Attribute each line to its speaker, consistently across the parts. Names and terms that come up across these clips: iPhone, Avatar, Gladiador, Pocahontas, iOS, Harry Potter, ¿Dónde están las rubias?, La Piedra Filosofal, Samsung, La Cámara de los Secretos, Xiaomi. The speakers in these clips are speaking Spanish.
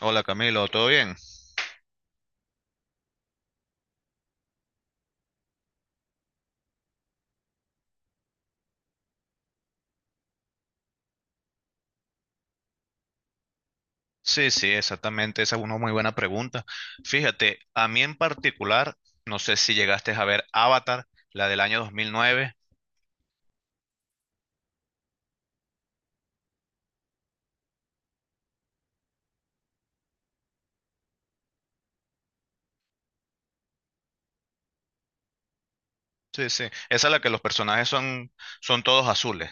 Speaker 1: Hola Camilo, ¿todo bien? Sí, exactamente, esa es una muy buena pregunta. Fíjate, a mí en particular, no sé si llegaste a ver Avatar, la del año 2009. Sí, esa es la que los personajes son todos azules.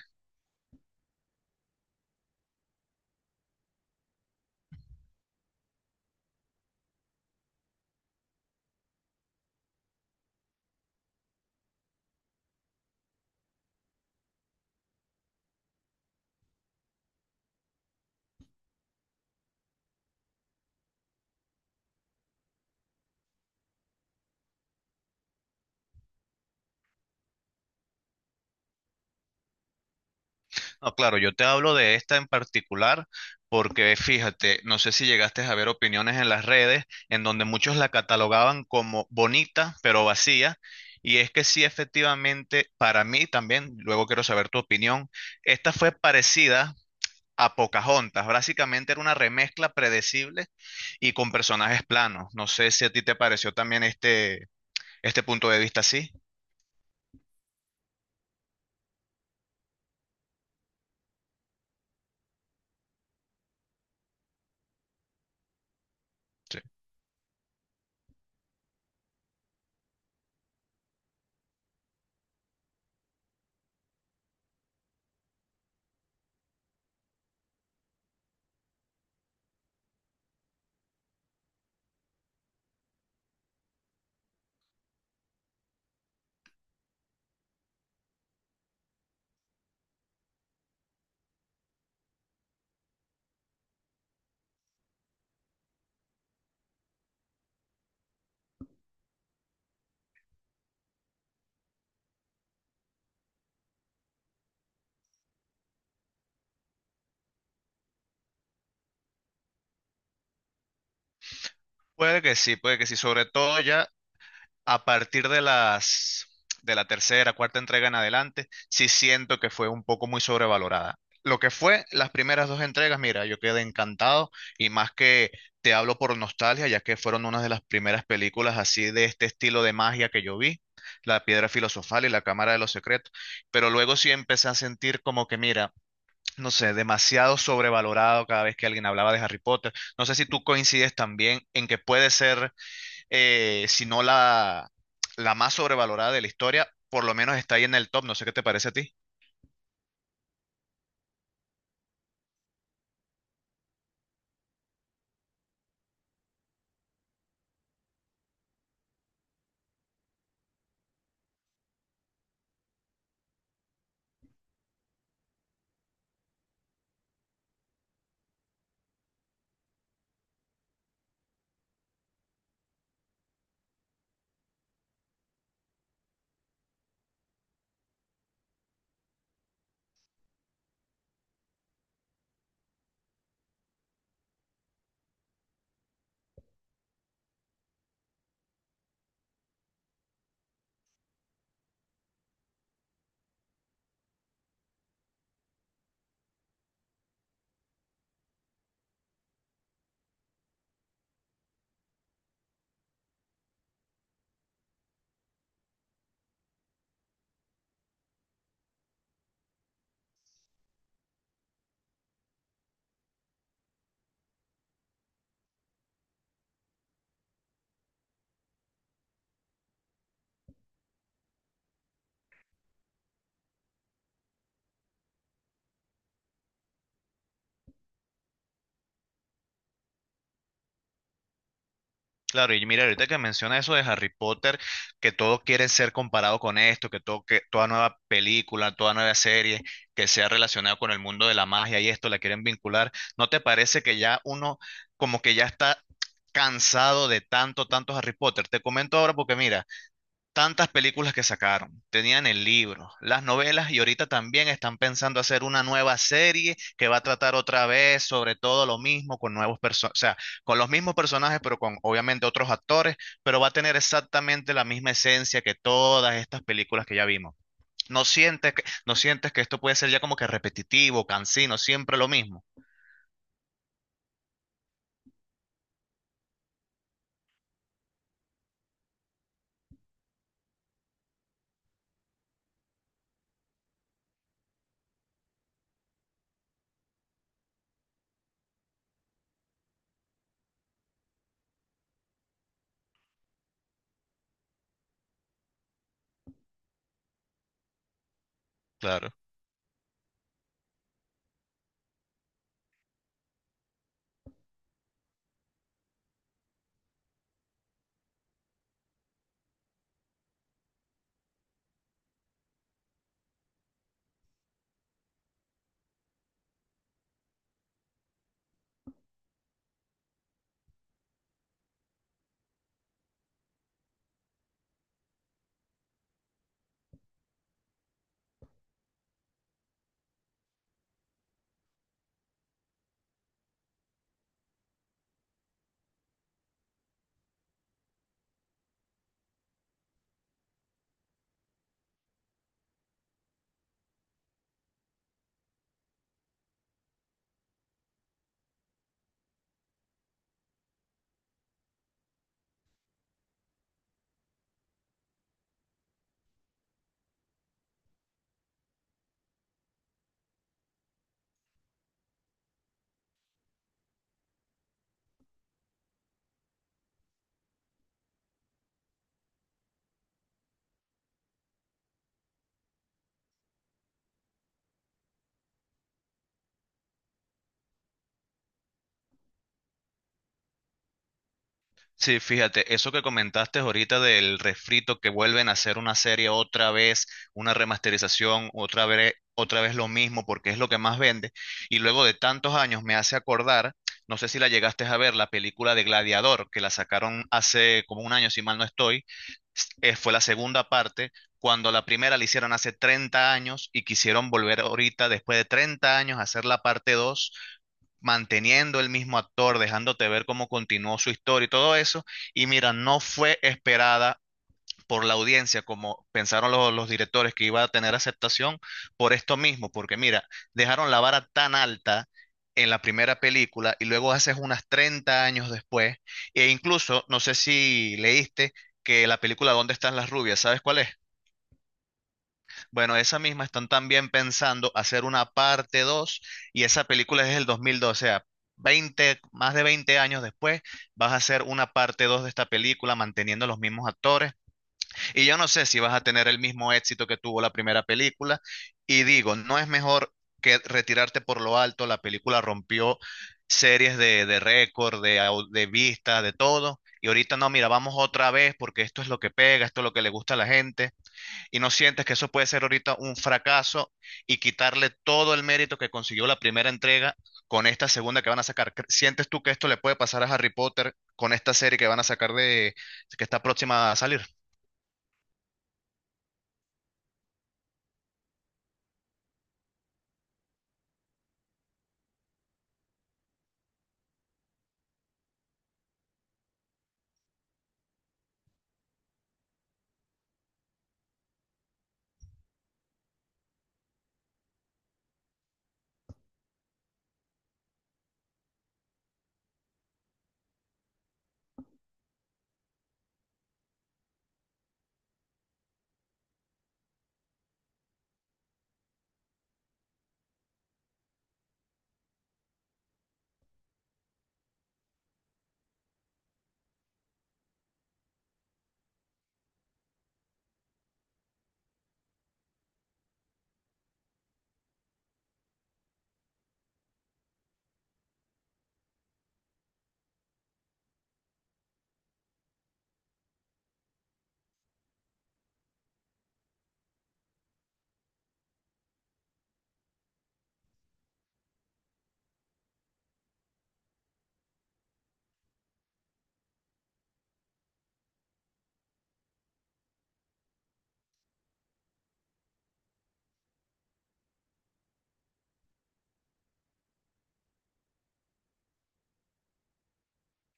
Speaker 1: No, claro, yo te hablo de esta en particular porque fíjate, no sé si llegaste a ver opiniones en las redes en donde muchos la catalogaban como bonita pero vacía. Y es que sí, efectivamente, para mí también, luego quiero saber tu opinión, esta fue parecida a Pocahontas. Básicamente era una remezcla predecible y con personajes planos. No sé si a ti te pareció también este punto de vista así. Sí. Puede que sí, puede que sí. Sobre todo ya a partir de las de la tercera, cuarta entrega en adelante, sí siento que fue un poco muy sobrevalorada. Lo que fue las primeras dos entregas, mira, yo quedé encantado y más que te hablo por nostalgia, ya que fueron una de las primeras películas así de este estilo de magia que yo vi, La Piedra Filosofal y La Cámara de los Secretos, pero luego sí empecé a sentir como que, mira, no sé, demasiado sobrevalorado cada vez que alguien hablaba de Harry Potter. No sé si tú coincides también en que puede ser si no la, la más sobrevalorada de la historia, por lo menos está ahí en el top. No sé qué te parece a ti. Claro, y mira, ahorita que menciona eso de Harry Potter, que todo quiere ser comparado con esto, que todo, que toda nueva película, toda nueva serie que sea relacionada con el mundo de la magia y esto la quieren vincular, ¿no te parece que ya uno como que ya está cansado de tanto Harry Potter? Te comento ahora porque mira, tantas películas que sacaron, tenían el libro, las novelas y ahorita también están pensando hacer una nueva serie que va a tratar otra vez sobre todo lo mismo con nuevos personajes, o sea, con los mismos personajes pero con obviamente otros actores, pero va a tener exactamente la misma esencia que todas estas películas que ya vimos. ¿No sientes que esto puede ser ya como que repetitivo, cansino, siempre lo mismo? Claro. Sí, fíjate, eso que comentaste ahorita del refrito que vuelven a hacer una serie otra vez, una remasterización, otra vez lo mismo, porque es lo que más vende. Y luego de tantos años me hace acordar, no sé si la llegaste a ver, la película de Gladiador, que la sacaron hace como un año, si mal no estoy, fue la segunda parte, cuando la primera la hicieron hace 30 años y quisieron volver ahorita, después de 30 años, a hacer la parte 2 manteniendo el mismo actor, dejándote ver cómo continuó su historia y todo eso. Y mira, no fue esperada por la audiencia, como pensaron los directores que iba a tener aceptación, por esto mismo, porque mira, dejaron la vara tan alta en la primera película y luego haces unas 30 años después, e incluso, no sé si leíste que la película ¿Dónde están las rubias? ¿Sabes cuál es? Bueno, esa misma están también pensando hacer una parte 2 y esa película es del 2012, o sea, más de 20 años después vas a hacer una parte 2 de esta película manteniendo los mismos actores y yo no sé si vas a tener el mismo éxito que tuvo la primera película. Y digo, no es mejor que retirarte por lo alto. La película rompió series de récord, de vistas, de todo. Y ahorita no, mira, vamos otra vez porque esto es lo que pega, esto es lo que le gusta a la gente. Y no sientes que eso puede ser ahorita un fracaso y quitarle todo el mérito que consiguió la primera entrega con esta segunda que van a sacar. ¿Sientes tú que esto le puede pasar a Harry Potter con esta serie que van a sacar de que está próxima a salir?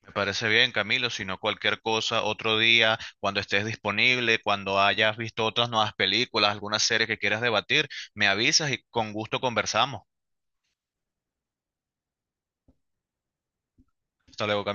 Speaker 1: Me parece bien, Camilo, si no cualquier cosa, otro día, cuando estés disponible, cuando hayas visto otras nuevas películas, alguna serie que quieras debatir, me avisas y con gusto conversamos. Hasta luego, Camilo.